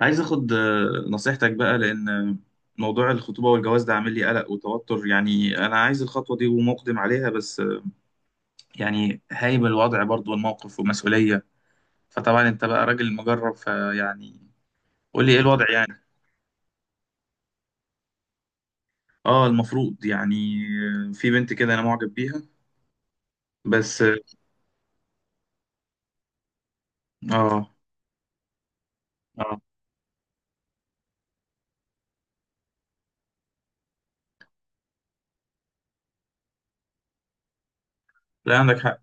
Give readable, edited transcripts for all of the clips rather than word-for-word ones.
عايز اخد نصيحتك بقى لان موضوع الخطوبة والجواز ده عامل لي قلق وتوتر يعني انا عايز الخطوة دي ومقدم عليها بس يعني هايب الوضع برضو والموقف ومسؤولية. فطبعا انت بقى راجل مجرب فيعني قول لي ايه الوضع يعني. اه المفروض يعني. في بنت كده انا معجب بيها بس اه. اه. آه. لا عندك حق.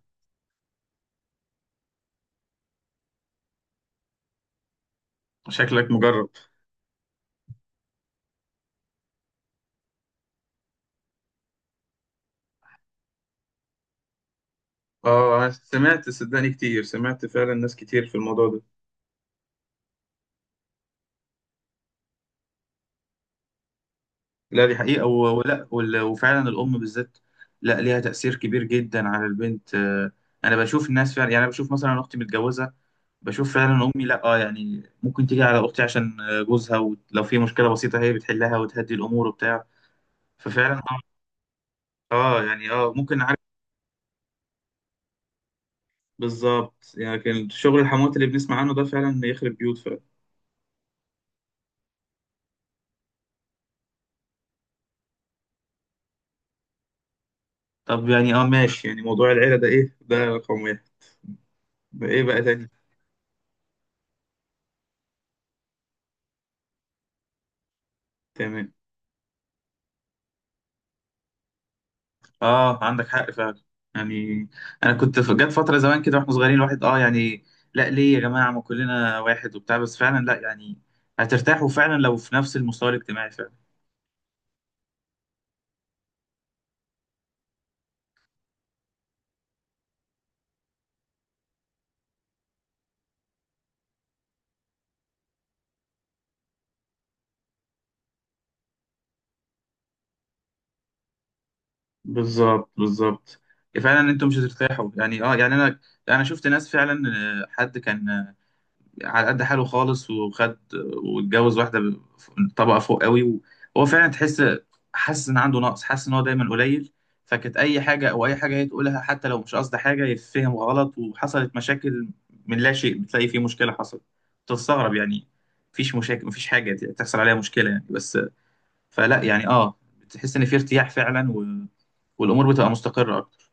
شكلك مجرب. اه انا سمعت صدقني كتير سمعت فعلا ناس كتير في الموضوع ده. لا دي حقيقة وفعلا الأم بالذات. لا ليها تأثير كبير جدا على البنت. أنا بشوف الناس فعلا يعني أنا بشوف مثلا أختي متجوزة. بشوف فعلا أمي لا آه يعني ممكن تيجي على أختي عشان جوزها ولو في مشكلة بسيطة هي بتحلها وتهدي الأمور وبتاع. ففعلا يعني ممكن عارف. بالظبط يعني لكن شغل الحموات اللي بنسمع عنه ده فعلا يخرب بيوت فعلا. طب يعني ماشي يعني موضوع العيلة ده إيه، ده رقم واحد. ده إيه بقى تاني؟ تمام. اه عندك حق فعلا يعني. انا كنت جت فتره زمان كده واحنا صغيرين الواحد اه يعني لا ليه يا جماعه ما كلنا واحد وبتاع بس فعلا لا يعني هترتاحوا فعلا لو في نفس المستوى الاجتماعي فعلا. بالظبط فعلا انتم مش هترتاحوا يعني اه يعني انا شفت ناس فعلا. حد كان على قد حاله خالص وخد واتجوز واحدة طبقة فوق قوي وهو فعلا تحس حاسس إن عنده نقص حاسس إن هو دايما قليل. فكانت أي حاجة أو أي حاجة هي تقولها حتى لو مش قصد حاجة يتفهم غلط وحصلت مشاكل من لا شيء، بتلاقي في مشكلة حصلت تستغرب يعني. مفيش مشاكل مفيش حاجة تحصل عليها مشكلة يعني بس فلا يعني اه بتحس إن في ارتياح فعلا، والأمور بتبقى مستقرة أكتر.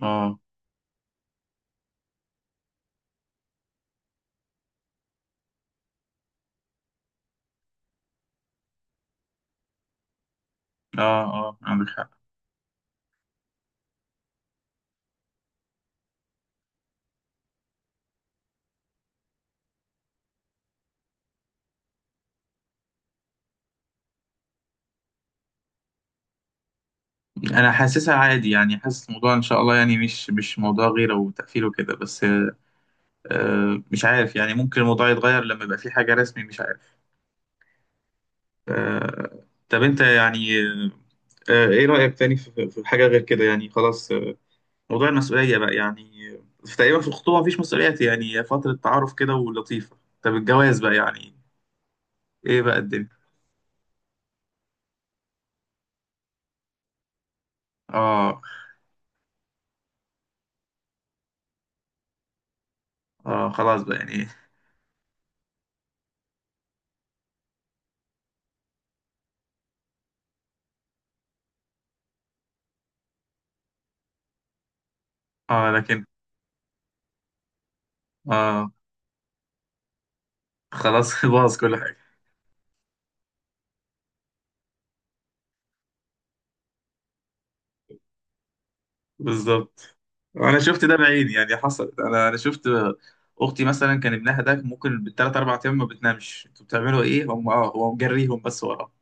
اه اه. اه عندك حق. انا حاسسها عادي يعني حاسس الموضوع ان شاء الله يعني مش موضوع غيره وتأثير وكده بس مش عارف يعني ممكن الموضوع يتغير لما يبقى في حاجة رسمي مش عارف. طب انت يعني ايه رأيك تاني في حاجة غير كده يعني خلاص. موضوع المسؤولية بقى يعني في تقريبا في الخطوبة مفيش مسؤوليات يعني هي فترة تعارف كده ولطيفة. طب الجواز بقى يعني ايه بقى الدنيا؟ اه. اه خلاص بقى يعني. اه لكن. اه خلاص. باظ كل حاجة. بالظبط. انا شفت ده بعيني يعني حصل انا شفت. اختي مثلا كان ابنها ده ممكن بالثلاث اربع ايام ما بتنامش، انتوا بتعملوا ايه؟ هم اه هو مجريهم بس وراه.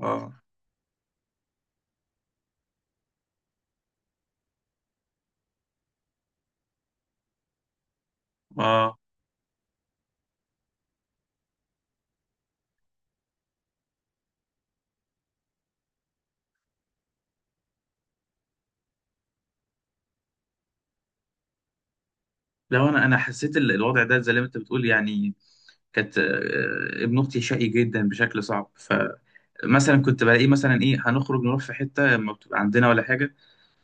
اه. اه لو انا حسيت الوضع ده زي ما انت بتقول يعني. كانت ابن اختي شقي جدا بشكل صعب. فمثلا كنت بلاقيه مثلا ايه هنخرج نروح في حته ما بتبقى عندنا ولا حاجه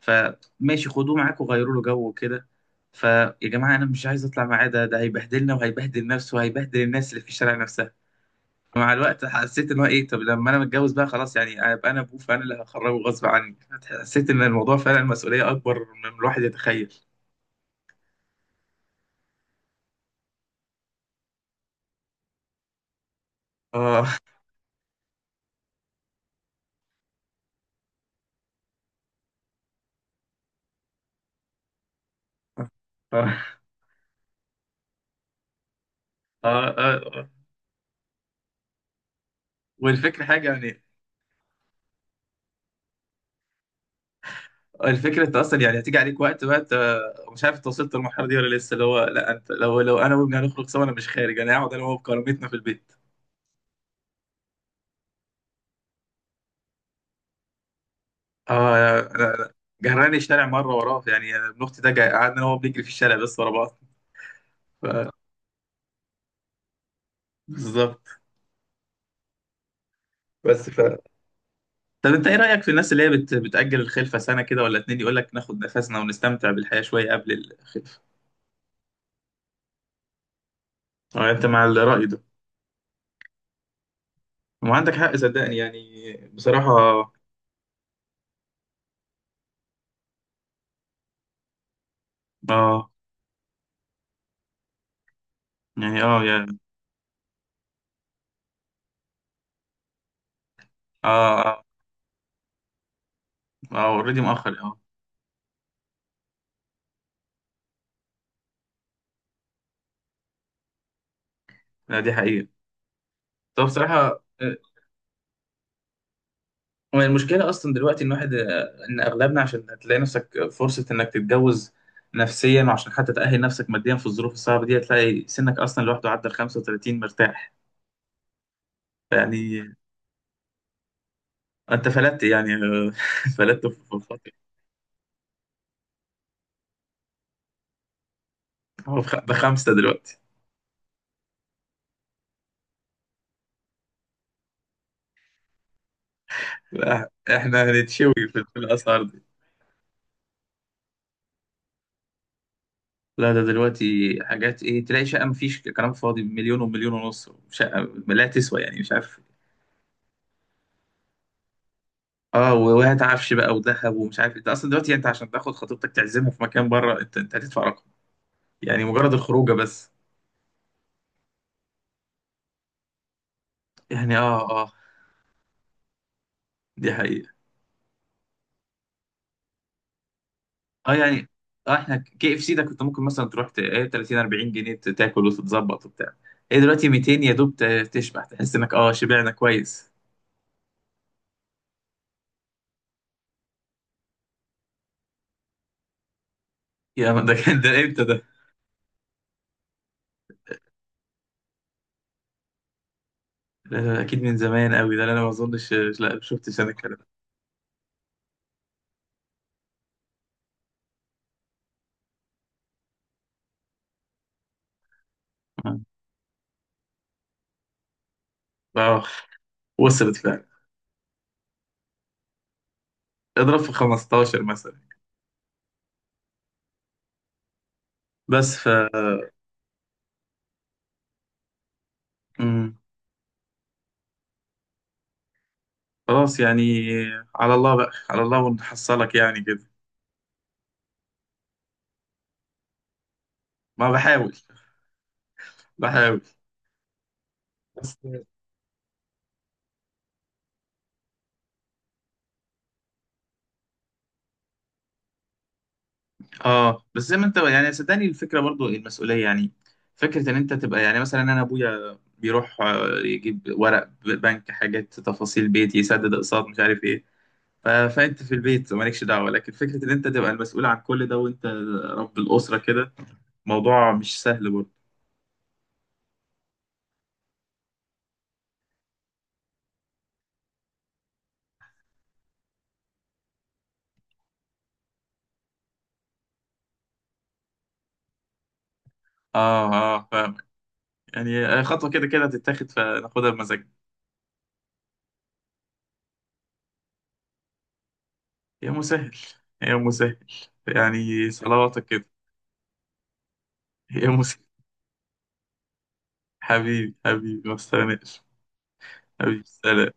فماشي خدوه معاكم وغيروا له جو وكده. فيا جماعه انا مش عايز اطلع معاه ده هيبهدلنا وهيبهدل نفسه وهيبهدل الناس اللي في الشارع نفسها. مع الوقت حسيت ان هو ايه، طب لما انا متجوز بقى خلاص يعني ابقى انا ابوه فانا اللي هخرجه غصب عني. حسيت ان الموضوع فعلا مسؤوليه اكبر من الواحد يتخيل. اه. اه. اه. اه. والفكرة حاجة يعني، الفكرة انت اصلا يعني هتيجي عليك وقت بقى انت مش عارف انت وصلت للمرحلة دي ولا لسه، اللي هو لا انت لو انا وابني هنخرج سوا انا مش خارج، انا هقعد انا وهو بكرامتنا في البيت. اه. لا لا. جراني الشارع مرة وراه يعني ابن اختي ده قعدنا انا وهو بنجري في الشارع بس ورا بعض ف- بالظبط. بس ف. طب انت ايه رأيك في الناس اللي هي بتأجل الخلفة سنة كده ولا اتنين، يقول لك ناخد نفسنا ونستمتع بالحياة شوية قبل الخلفة؟ اه انت مع الرأي ده؟ ما عندك حق صدقني يعني بصراحة. اه يعني اه يا اه اه اوريدي مؤخر اه. لا دي حقيقة. طب بصراحة هو المشكلة أصلا دلوقتي إن واحد إن أغلبنا، عشان هتلاقي نفسك فرصة إنك تتجوز نفسيا وعشان حتى تأهل نفسك ماديا في الظروف الصعبة دي هتلاقي سنك أصلا لوحده عدى ال 35 مرتاح يعني. انت فلت يعني. فلت في الخط. هو بخمسه دلوقتي. لا، احنا هنتشوي في الاسعار دي. لا ده دلوقتي حاجات ايه، تلاقي شقه مفيش كلام فاضي بمليون ومليون ونص شقه لا تسوى يعني مش عارف. اه وهات عفش بقى وذهب ومش عارف، انت اصلا دلوقتي انت عشان تاخد خطيبتك تعزمه في مكان بره انت هتدفع رقم يعني، مجرد الخروجه بس. يعني اه اه دي حقيقة. اه يعني اه احنا KFC ده كنت ممكن مثلا تروح ايه 30 40 جنيه تاكل وتتظبط وبتاع. ايه دلوقتي 200 يا دوب تشبع تحس انك اه شبعنا كويس. يا ما، ده كان ده امتى ده؟ ده اكيد من زمان قوي ده، انا ما اظنش. لا ما شفتش انا الكلام ده. اه. آه، وصلت فعلا. اضرب في 15 مثلا. بس ف. مم. خلاص يعني، على الله بقى على الله ونحصلك يعني كده. ما بحاول. بحاول. اه بس زي ما انت يعني صدقني الفكره برضو المسؤوليه يعني، فكره ان انت تبقى يعني مثلا انا ابويا بيروح يجيب ورق بنك حاجات تفاصيل بيتي يسدد اقساط مش عارف ايه فانت في البيت مالكش دعوه، لكن فكره ان انت تبقى المسؤول عن كل ده، وانت رب الاسره كده موضوع مش سهل برضو. اه اه فاهمك. يعني خطوه كده كده هتتاخد فناخدها بمزاجنا. يا مسهل. يا مسهل. يعني صلواتك كده. يا مسهل. حبيبي. حبيبي ما تستغناش. حبيبي سلام.